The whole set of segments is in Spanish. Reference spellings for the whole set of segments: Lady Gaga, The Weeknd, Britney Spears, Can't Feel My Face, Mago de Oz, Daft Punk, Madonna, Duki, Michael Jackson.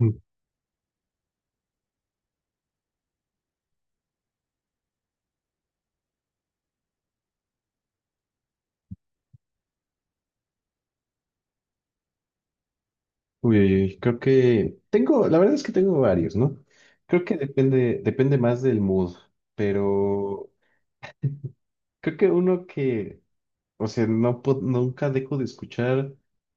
Mm, creo que tengo, la verdad es que tengo varios, ¿no? Creo que depende más del mood, pero creo que uno que o sea, no, nunca dejo de escuchar,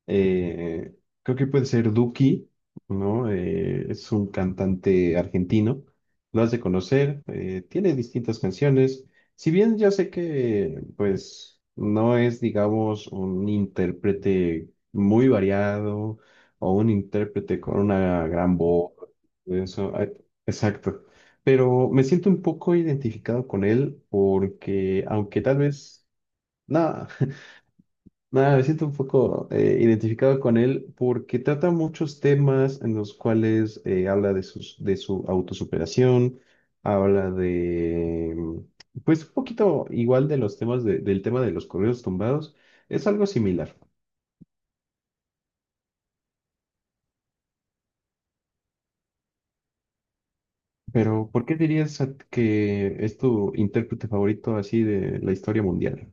eh, creo que puede ser Duki, ¿no? Es un cantante argentino, lo has de conocer, tiene distintas canciones. Si bien yo sé que, pues, no es, digamos, un intérprete muy variado o un intérprete con una gran voz, eso, exacto. Pero me siento un poco identificado con él porque, aunque tal vez... No. Nada, me siento un poco identificado con él porque trata muchos temas en los cuales habla de su autosuperación, habla de, mm, pues un poquito igual de los del tema de los correos tumbados, es algo similar. Pero, ¿por qué dirías que es tu intérprete favorito así de la historia mundial?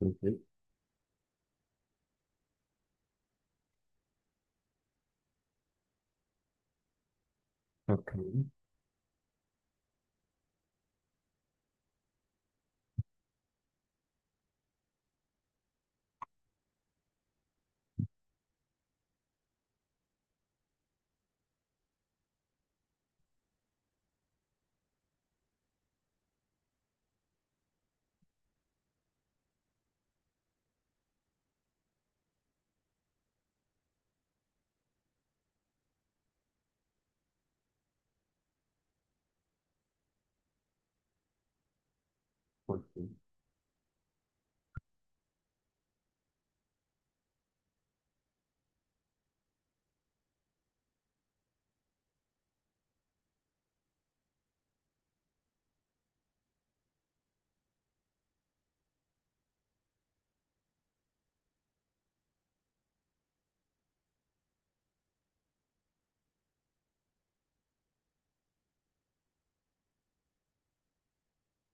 Ok. Ok. Ok.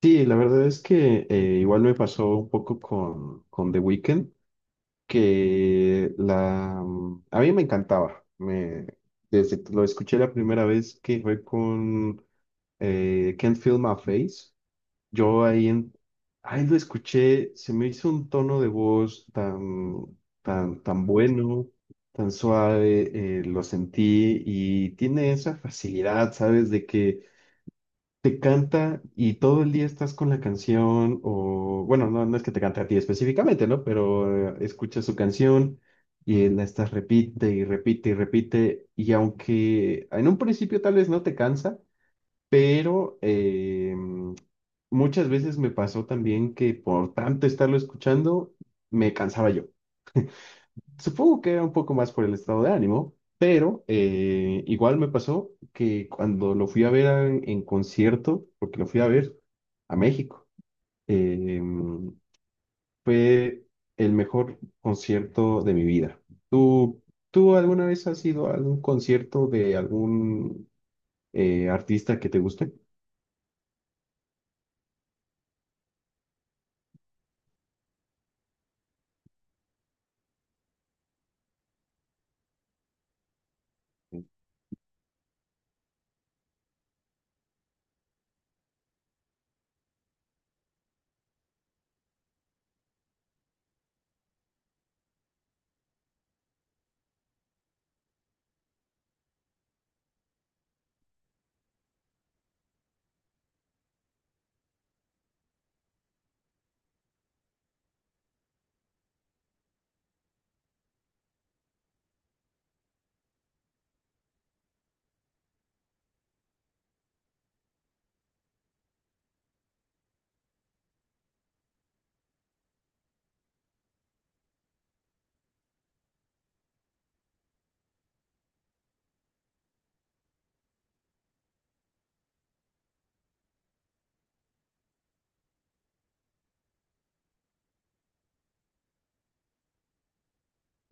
Sí, la verdad es que igual me pasó un poco con The Weeknd. A mí me encantaba. Desde que lo escuché la primera vez que fue con Can't Feel My Face, yo ahí lo escuché, se me hizo un tono de voz tan bueno, tan suave, lo sentí y tiene esa facilidad, ¿sabes? De que te canta y todo el día estás con la canción, o bueno, no es que te cante a ti específicamente, ¿no? Pero escuchas su canción y la estás repite y repite y repite, y aunque en un principio tal vez no te cansa, pero muchas veces me pasó también que por tanto estarlo escuchando, me cansaba yo. Supongo que era un poco más por el estado de ánimo, pero igual me pasó que cuando lo fui a ver concierto, porque lo fui a ver a México, eh, fue el mejor concierto de mi vida. ¿Tú, tú alguna vez has ido a algún concierto de algún artista que te guste?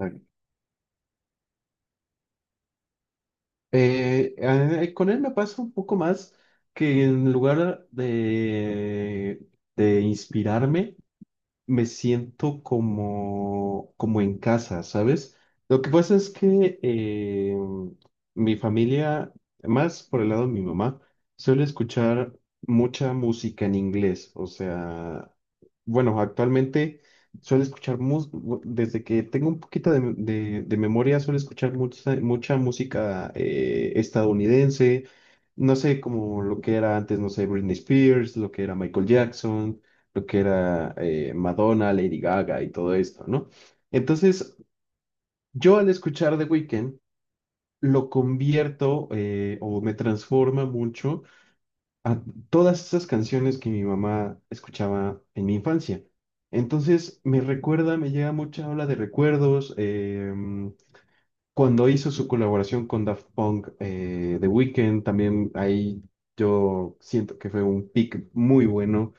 Exacto. Con él me pasa un poco más que en lugar de inspirarme, me siento como en casa, ¿sabes? Lo que pasa es que mi familia, más por el lado de mi mamá, suele escuchar mucha música en inglés. O sea, bueno, actualmente suele escuchar, mus- desde que tengo un poquito de memoria, suele escuchar mucha música estadounidense. No sé, como lo que era antes, no sé, Britney Spears, lo que era Michael Jackson, lo que era Madonna, Lady Gaga y todo esto, ¿no? Entonces, yo al escuchar The Weeknd, lo convierto o me transforma mucho a todas esas canciones que mi mamá escuchaba en mi infancia. Entonces, me recuerda, me llega mucha ola de recuerdos. Cuando hizo su colaboración con Daft Punk, The Weeknd, también ahí yo siento que fue un pick muy bueno,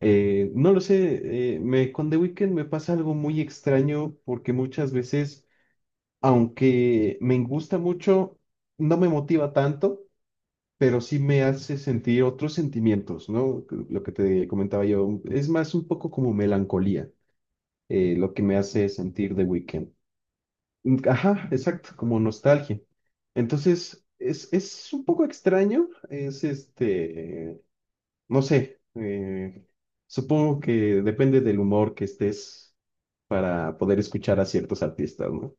no lo sé, con The Weeknd me pasa algo muy extraño porque muchas veces, aunque me gusta mucho, no me motiva tanto, pero sí me hace sentir otros sentimientos, ¿no? Lo que te comentaba yo, es más un poco como melancolía, lo que me hace sentir The Weeknd. Mm, ajá, exacto, como nostalgia. Entonces, es un poco extraño, es este, no sé, supongo que depende del humor que estés para poder escuchar a ciertos artistas, ¿no?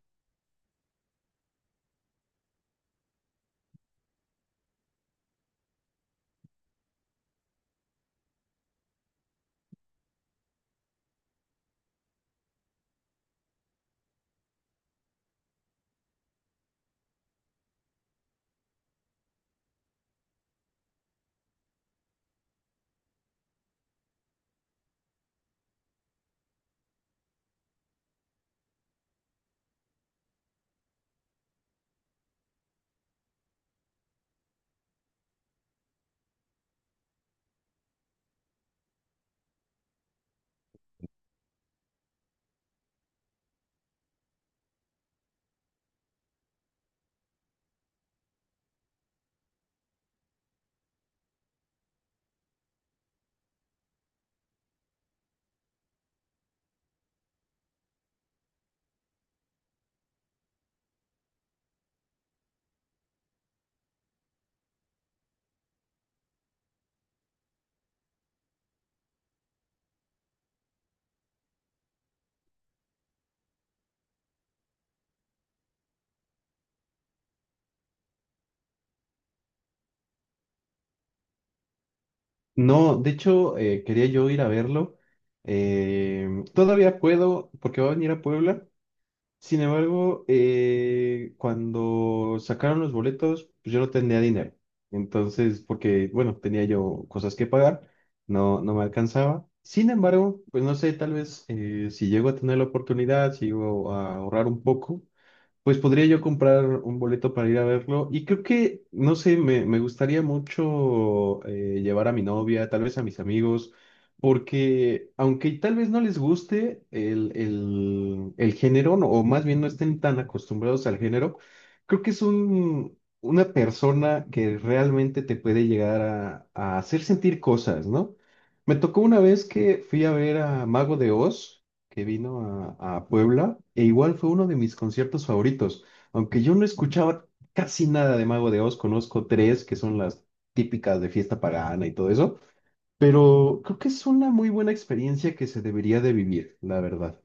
No, de hecho, quería yo ir a verlo. Eh, Todavía puedo, porque va a venir a Puebla. Sin embargo, cuando sacaron los boletos, pues yo no tenía dinero. Entonces, porque, bueno, tenía yo cosas que pagar, no, no me alcanzaba. Sin embargo, pues no sé, tal vez si llego a tener la oportunidad, si llego a ahorrar un poco. Pues podría yo comprar un boleto para ir a verlo y creo que, no sé, me gustaría mucho llevar a mi novia, tal vez a mis amigos, porque aunque tal vez no les guste el género, o más bien no estén tan acostumbrados al género, creo que es una persona que realmente te puede llegar a hacer sentir cosas, ¿no? Me tocó una vez que fui a ver a Mago de Oz, que vino a Puebla e igual fue uno de mis conciertos favoritos. Aunque yo no escuchaba casi nada de Mago de Oz, conozco tres que son las típicas de fiesta pagana y todo eso, pero creo que es una muy buena experiencia que se debería de vivir, la verdad.